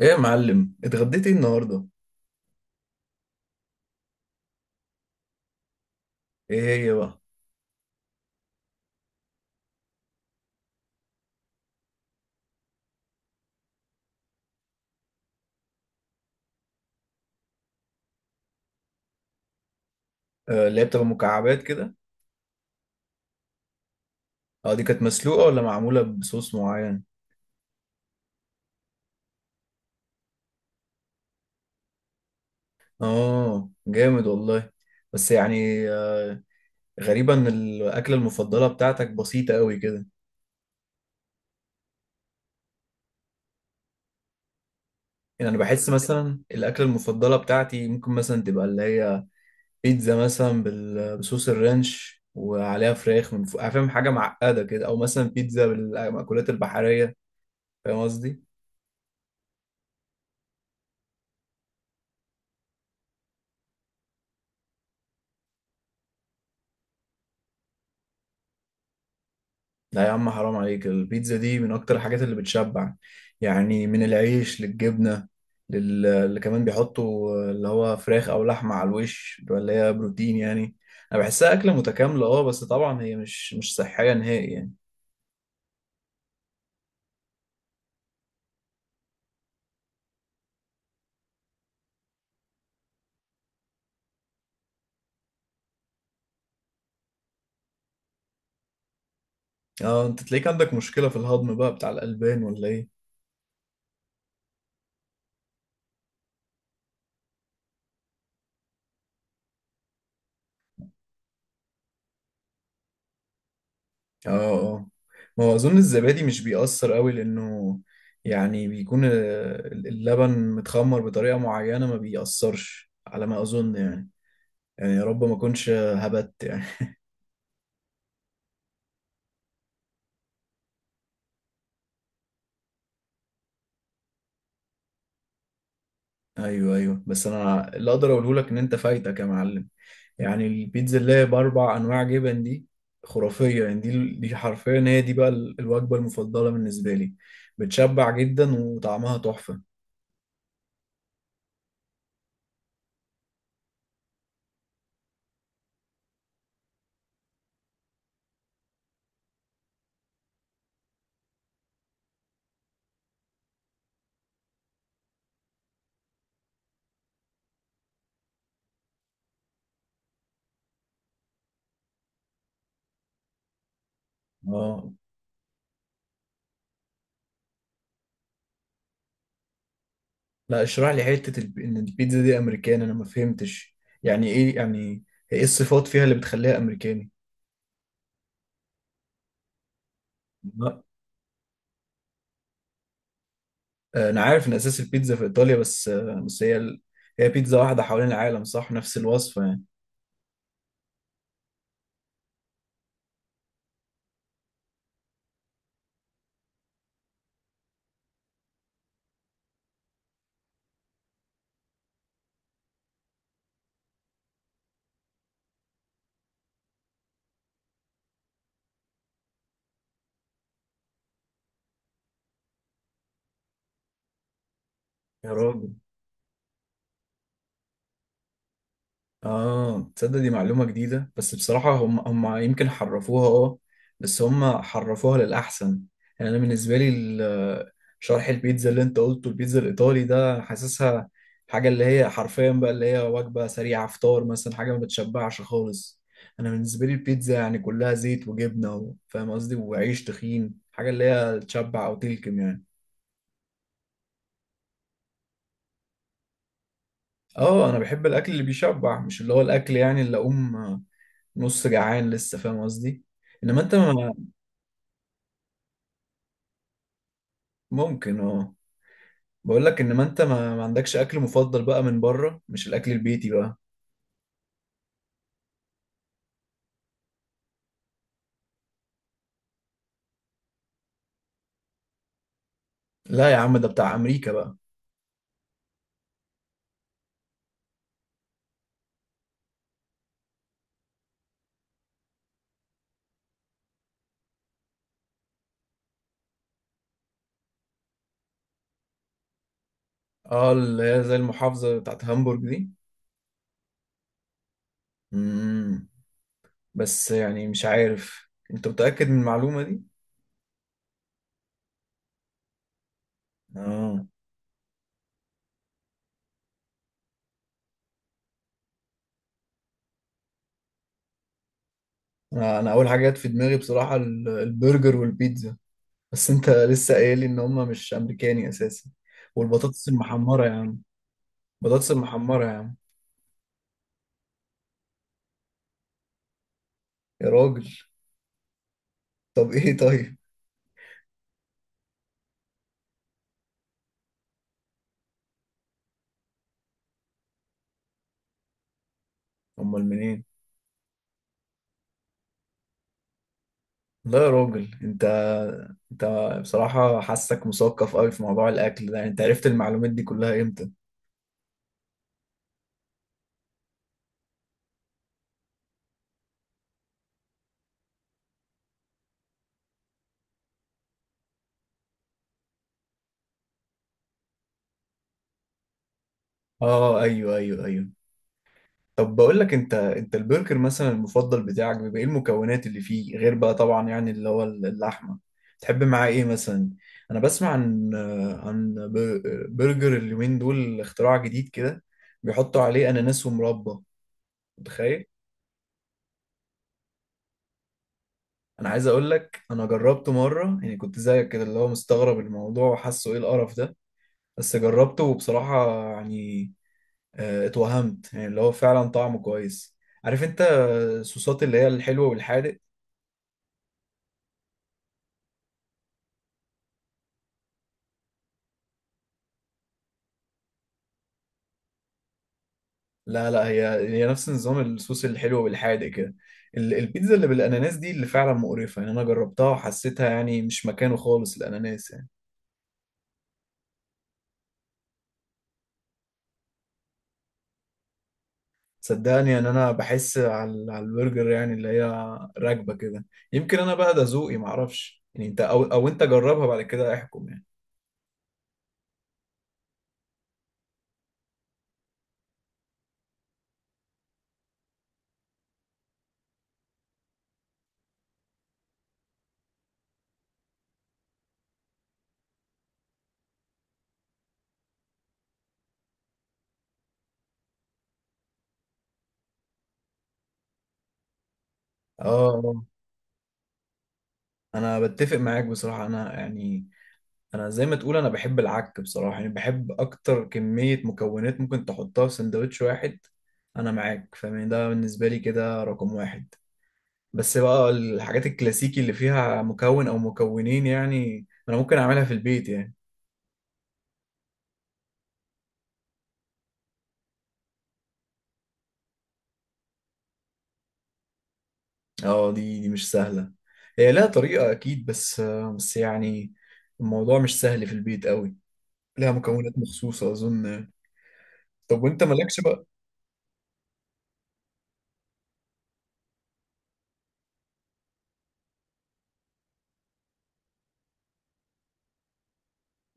ايه يا معلم، اتغديت ايه النهارده؟ ايه هي بقى؟ آه، اللي هي بتبقى مكعبات كده. اه، دي كانت مسلوقه ولا معموله بصوص معين؟ اه جامد والله. بس يعني غريبه ان الاكله المفضله بتاعتك بسيطه قوي كده. يعني انا بحس مثلا الاكله المفضله بتاعتي ممكن مثلا تبقى اللي هي بيتزا مثلا بصوص الرانش وعليها فراخ من فوق، فاهم؟ حاجه معقده كده، او مثلا بيتزا بالمأكولات البحريه. فاهم قصدي؟ لا يا عم، حرام عليك، البيتزا دي من اكتر الحاجات اللي بتشبع، يعني من العيش للجبنة اللي كمان بيحطوا اللي هو فراخ او لحمة على الوش اللي هي بروتين يعني. انا بحسها اكلة متكاملة، اه، بس طبعا هي مش صحية نهائي يعني. اه، انت تلاقيك عندك مشكلة في الهضم بقى بتاع الألبان ولا ايه؟ اه اه. ما هو اظن الزبادي مش بيأثر قوي، لانه يعني بيكون اللبن متخمر بطريقة معينة ما بيأثرش، على ما اظن يعني. يعني يا رب ما اكونش هبت يعني. ايوه ايوه، بس انا اللي اقدر اقوله لك ان انت فايتك يا معلم. يعني البيتزا اللي هي باربع انواع جبن دي خرافيه يعني. دي حرفيا هي دي بقى الوجبه المفضله بالنسبه لي. بتشبع جدا وطعمها تحفه. اه، لا، اشرح لي حته ان البيتزا دي امريكان، انا ما فهمتش. يعني ايه يعني؟ ايه الصفات فيها اللي بتخليها امريكاني؟ لا، انا عارف ان اساس البيتزا في ايطاليا، بس هي هي بيتزا واحده حوالين العالم، صح؟ نفس الوصفه يعني. يا راجل، اه، تصدق دي معلومة جديدة. بس بصراحة هم يمكن حرفوها، اه، بس هم حرفوها للأحسن. يعني أنا بالنسبة لي شرح البيتزا اللي أنت قلته البيتزا الإيطالي ده حاسسها حاجة اللي هي حرفيا بقى اللي هي وجبة سريعة، فطار مثلا، حاجة ما بتشبعش خالص. أنا بالنسبة لي البيتزا يعني كلها زيت وجبنة فاهم قصدي، وعيش تخين، حاجة اللي هي تشبع أو تلكم يعني. اه انا بحب الاكل اللي بيشبع، مش اللي هو الاكل يعني اللي اقوم نص جعان لسه، فاهم قصدي؟ انما انت ما... ممكن اه. بقول لك انما انت ما, عندكش اكل مفضل بقى من بره، مش الاكل البيتي بقى؟ لا يا عم، ده بتاع امريكا بقى. اه، اللي هي زي المحافظة بتاعت هامبورج دي. امم، بس يعني مش عارف، انت متأكد من المعلومة دي؟ اه، انا اول حاجة جت في دماغي بصراحة البرجر والبيتزا. بس انت لسه قايل لي ان هم مش امريكاني اساسا. والبطاطس المحمره يا عم. بطاطس المحمره يا عم. يا راجل. طب ايه طيب؟ امال منين؟ لا يا راجل، انت بصراحه حاسك مثقف قوي في موضوع الاكل ده. انت عرفت المعلومات دي كلها امتى؟ اه ايوه ايوه ايوه. طب بقول لك انت، انت البرجر مثلا المفضل بتاعك بيبقى ايه المكونات اللي فيه، غير بقى طبعا يعني اللي هو اللحمه؟ تحب معاه ايه مثلا؟ انا بسمع عن برجر اليومين دول، اختراع جديد كده، بيحطوا عليه اناناس ومربى، متخيل؟ انا عايز اقول لك انا جربته مره، يعني كنت زيك كده اللي هو مستغرب الموضوع وحاسه ايه القرف ده، بس جربته وبصراحه يعني اه، اتوهمت يعني اللي هو فعلا طعمه كويس. عارف انت الصوصات اللي هي الحلوه والحادق؟ لا لا، هي نفس نظام الصوص الحلو بالحادق كده. البيتزا اللي بالاناناس دي اللي فعلا مقرفه يعني. انا جربتها وحسيتها يعني مش مكانه خالص الاناناس يعني. صدقني ان انا بحس، على البرجر يعني اللي هي راكبه كده. يمكن انا بقى ده ذوقي معرفش يعني، انت او انت جربها بعد كده احكم يعني. اه انا بتفق معاك بصراحه، انا يعني انا زي ما تقول انا بحب العك بصراحه، يعني بحب اكتر كميه مكونات ممكن تحطها في سندوتش واحد. انا معاك، فاهم؟ ده بالنسبه لي كده رقم واحد. بس بقى الحاجات الكلاسيكي اللي فيها مكون او مكونين يعني انا ممكن اعملها في البيت يعني. اه دي مش سهله. هي لها طريقه اكيد، بس بس يعني الموضوع مش سهل في البيت قوي. لها مكونات مخصوصه اظن يعني. طب وانت مالكش بقى؟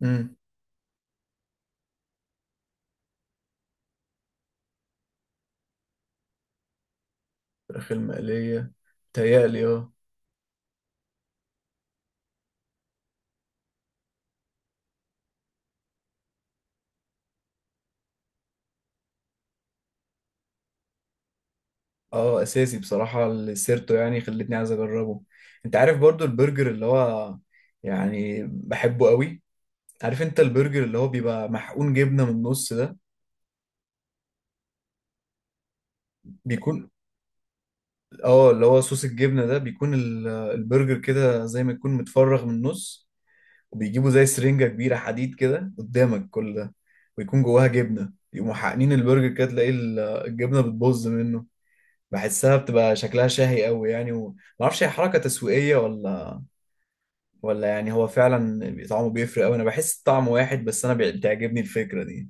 امم. الفراخ المقليه؟ تهيألي اه. اه، اساسي بصراحه، السيرتو يعني خلتني عايز اجربه. انت عارف برضو البرجر اللي هو، يعني بحبه قوي. عارف انت البرجر اللي هو بيبقى محقون جبنه من النص ده؟ بيكون، اه، اللي هو صوص الجبنه ده، بيكون البرجر كده زي ما يكون متفرغ من النص، وبيجيبوا زي سرنجه كبيره حديد كده قدامك، كل ده ويكون جواها جبنه، يقوموا حاقنين البرجر كده تلاقي الجبنه بتبظ منه. بحسها بتبقى شكلها شهي قوي يعني، ومعرفش هي حركه تسويقيه ولا يعني هو فعلا طعمه بيفرق قوي. انا بحس الطعم واحد، بس انا بتعجبني الفكرة دي.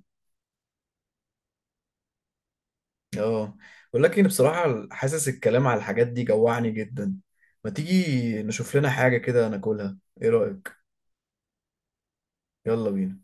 اه، ولكن بصراحة حاسس الكلام على الحاجات دي جوعني جدا. ما تيجي نشوف لنا حاجة كده ناكلها، ايه رأيك؟ يلا بينا.